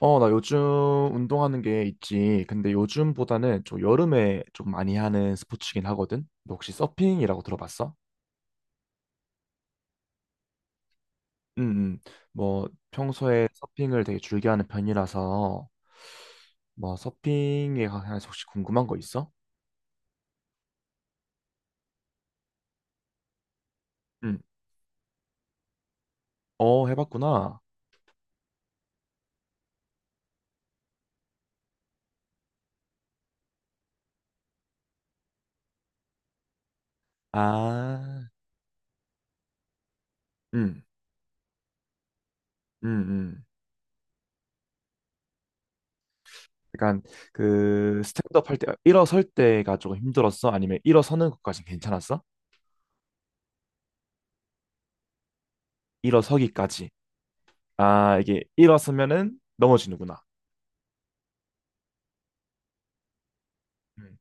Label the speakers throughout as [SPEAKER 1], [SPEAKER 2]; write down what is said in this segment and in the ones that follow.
[SPEAKER 1] 어, 나 요즘 운동하는 게 있지. 근데 요즘보다는 좀 여름에 좀 많이 하는 스포츠긴 하거든. 너 혹시 서핑이라고 들어봤어? 응, 응 뭐 평소에 서핑을 되게 즐겨 하는 편이라서 뭐 서핑에 관해서 혹시 궁금한 거 있어? 응 어, 해봤구나. 아, 응 음, 음. 약간 그 스탠드업 할 때 일어설 때가 조금 힘들었어? 아니면 일어서는 것까진 괜찮았어? 일어서기까지. 아, 이게 일어서면은 넘어지는구나. 음.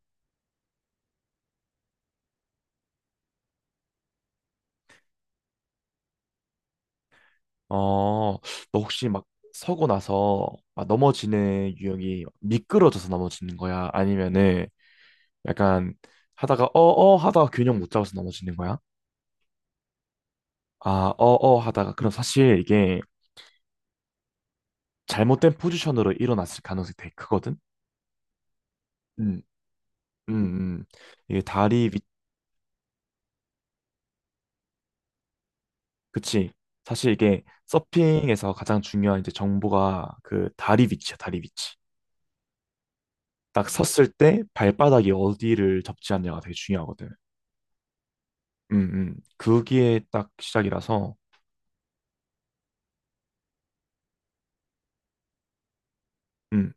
[SPEAKER 1] 어, 너 혹시 막 서고 나서 막 넘어지는 유형이 미끄러져서 넘어지는 거야? 아니면은 약간 하다가 어어 하다가 균형 못 잡아서 넘어지는 거야? 아, 어어 하다가 그럼 사실 이게 잘못된 포지션으로 일어났을 가능성이 되게 크거든? 음. 음, 음. 이게 다리 위, 그치. 사실 이게 서핑에서 가장 중요한 이제 정보가 그 다리 위치야, 다리 위치. 딱 섰을 때 발바닥이 어디를 접지 않냐가 되게 중요하거든. 음, 그게 딱 시작이라서, 음.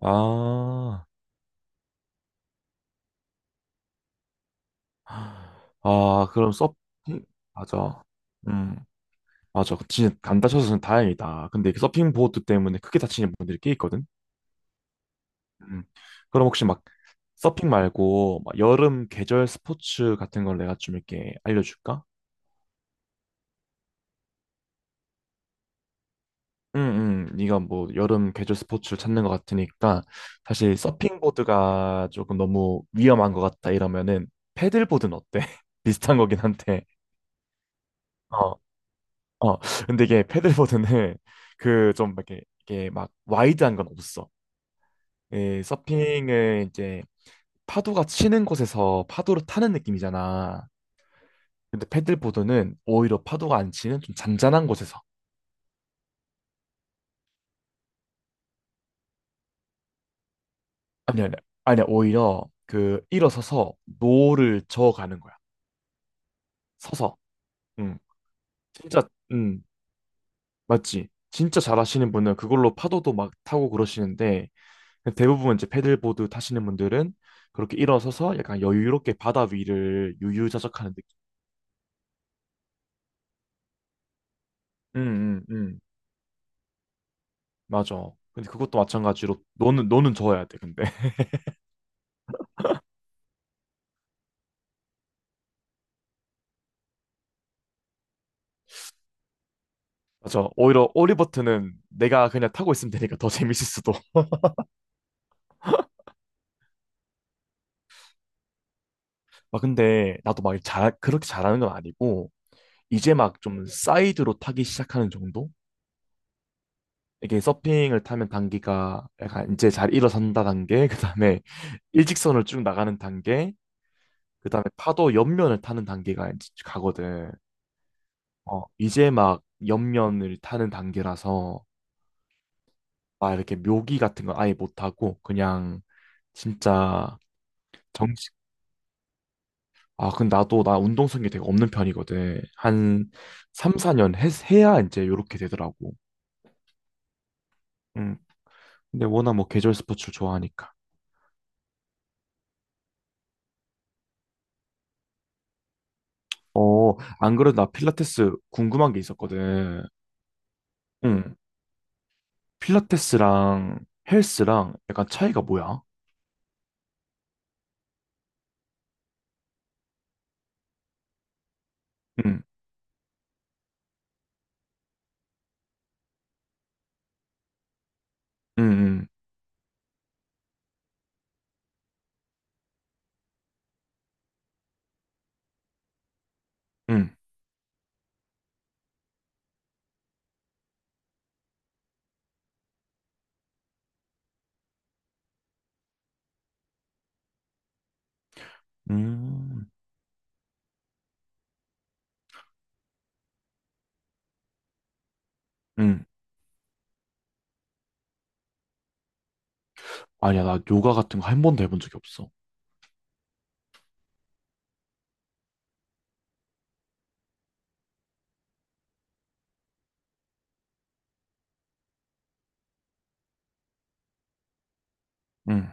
[SPEAKER 1] 아, 아, 맞아. 음, 맞아. 진짜 안 다쳐서는 다행이다. 근데 그 서핑 보드 때문에 크게 다치는 분들이 꽤 있거든. 음. 그럼 혹시 막 서핑 말고 막 여름 계절 스포츠 같은 걸 내가 좀 이렇게 알려줄까? 응, 응. 네가 뭐 여름 계절 스포츠를 찾는 것 같으니까 사실 서핑보드가 조금 너무 위험한 것 같다 이러면은 패들보드는 어때? 비슷한 거긴 한데. 어, 어. 근데 이게 패들보드는 그 좀 이렇게 이게 막 와이드한 건 없어. 예, 서핑을 이제 파도가 치는 곳에서 파도를 타는 느낌이잖아. 근데 패들보드는 오히려 파도가 안 치는 좀 잔잔한 곳에서 아니 아니 아니 오히려 그 일어서서 노를 저어가는 거야. 서서. 응. 진짜, 응, 맞지. 진짜 잘하시는 분은 그걸로 파도도 막 타고 그러시는데 대부분 이제 패들보드 타시는 분들은 그렇게 일어서서 약간 여유롭게 바다 위를 유유자적하는 느낌. 응, 응, 응. 맞아. 근데 그것도 마찬가지로 너는 저어야 돼. 근데 맞아. 오히려 오리버트는 내가 그냥 타고 있으면 되니까 더 재밌을 수도. 막 근데 나도 막 잘 그렇게 잘하는 건 아니고 이제 막 좀 사이드로 타기 시작하는 정도? 이게 서핑을 타면 단기가 약간 이제 잘 일어선다 단계, 그 다음에 일직선을 쭉 나가는 단계, 그 다음에 파도 옆면을 타는 단계가 이제 가거든. 어, 이제 막 옆면을 타는 단계라서 막 이렇게 묘기 같은 건 아예 못 하고 그냥 진짜 정식. 아, 근데 나도 나 운동성이 되게 없는 편이거든. 한 3, 4년 해야 이제 요렇게 되더라고. 음. 근데 워낙 뭐 계절 스포츠를 좋아하니까. 어, 안 그래도 나 필라테스 궁금한 게 있었거든. 응. 필라테스랑 헬스랑 약간 차이가 뭐야? 응, 응, 응, 응, 음, 응. 아니야, 나 요가 같은 거 한 번도 해본 적이 없어. 응.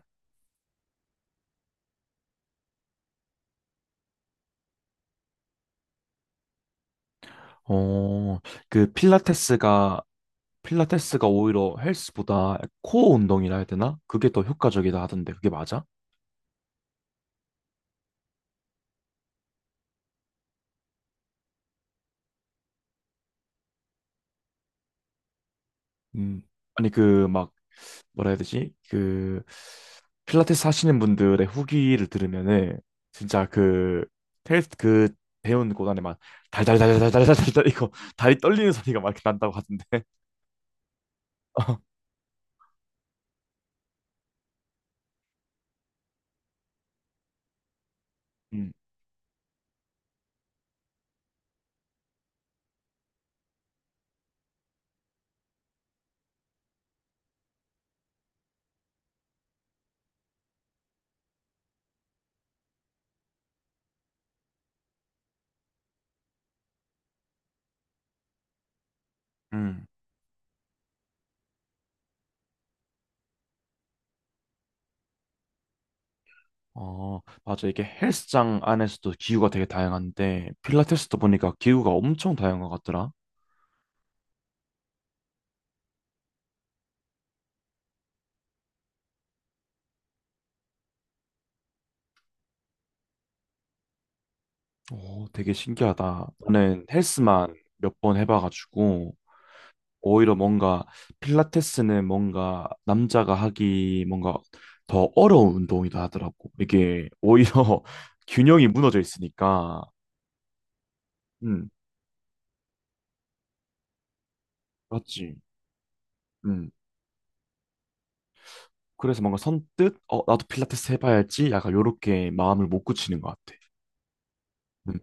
[SPEAKER 1] 어, 그 필라테스가 오히려 헬스보다 코어 운동이라 해야 되나? 그게 더 효과적이다 하던데, 그게 맞아? 음. 아니, 그막 뭐라 해야 되지? 그 필라테스 하시는 분들의 후기를 들으면은 진짜 그 테일 그 배운 곳안에 막 달달달달달달달달 이거 다리 떨리는 소리가 막 이렇게 난다고 하던데. 음, 음. 어, 맞아. 이게 헬스장 안에서도 기구가 되게 다양한데 필라테스도 보니까 기구가 엄청 다양한 것 같더라. 오, 되게 신기하다. 나는 헬스만 몇 번 해봐가지고 오히려 뭔가 필라테스는 뭔가 남자가 하기 뭔가 더 어려운 운동이다 하더라고. 이게 오히려 균형이 무너져 있으니까. 음, 맞지. 음. 그래서 뭔가 선뜻 어 나도 필라테스 해봐야지 약간 요렇게 마음을 못 굳히는 것 같아. 음.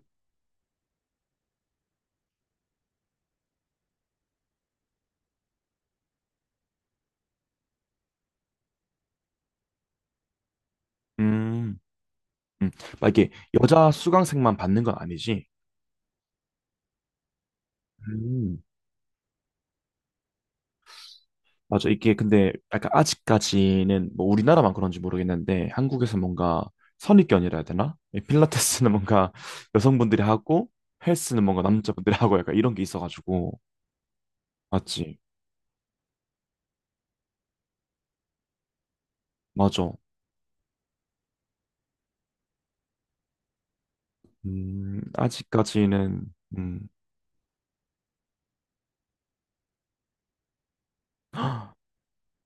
[SPEAKER 1] 음. 음. 막 이게 여자 수강생만 받는 건 아니지. 음. 맞아. 이게 근데 약간 아직까지는 뭐 우리나라만 그런지 모르겠는데 한국에서 뭔가 선입견이라 해야 되나? 이 필라테스는 뭔가 여성분들이 하고 헬스는 뭔가 남자분들이 하고 약간 이런 게 있어가지고. 맞지? 맞아. 아직까지는, 음,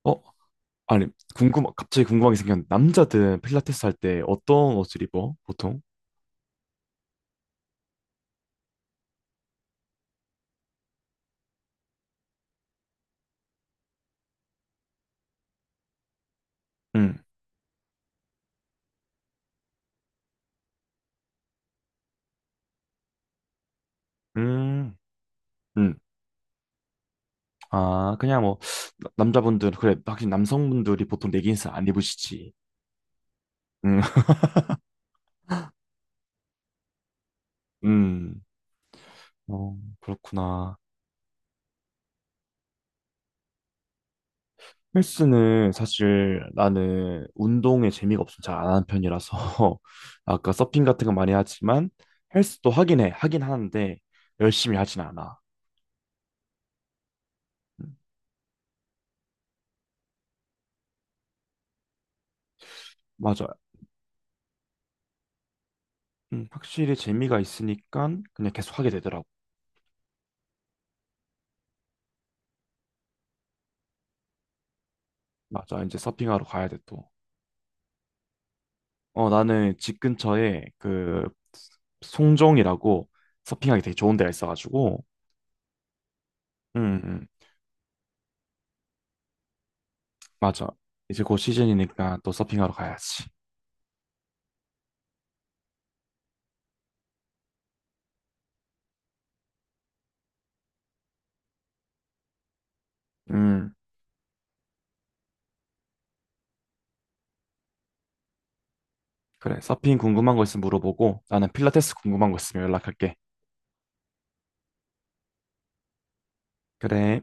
[SPEAKER 1] 어? 아니, 궁금, 갑자기 궁금하게 생겼는데 남자들 필라테스 할 때 어떤 옷을 입어? 보통? 음, 음, 음. 아, 그냥 뭐, 남자분들, 그래, 확실히 남성분들이 보통 레깅스 안 입으시지. 음. 음, 어, 그렇구나. 헬스는 사실 나는 운동에 재미가 없으면 잘 안 하는 편이라서 아까 서핑 같은 거 많이 하지만 헬스도 하긴 해. 하긴 하는데 열심히 하진 않아. 음, 맞아. 확실히 재미가 있으니까 그냥 계속 하게 되더라고. 맞아. 이제 서핑하러 가야 돼 또. 어, 나는 집 근처에 그 송정이라고 서핑하기 되게 좋은 데가 있어가지고 음, 음, 맞아. 이제 곧 시즌이니까 또 서핑하러 가야지. 음. 그래, 서핑 궁금한 거 있으면 물어보고, 나는 필라테스 궁금한 거 있으면 연락할게. 그래.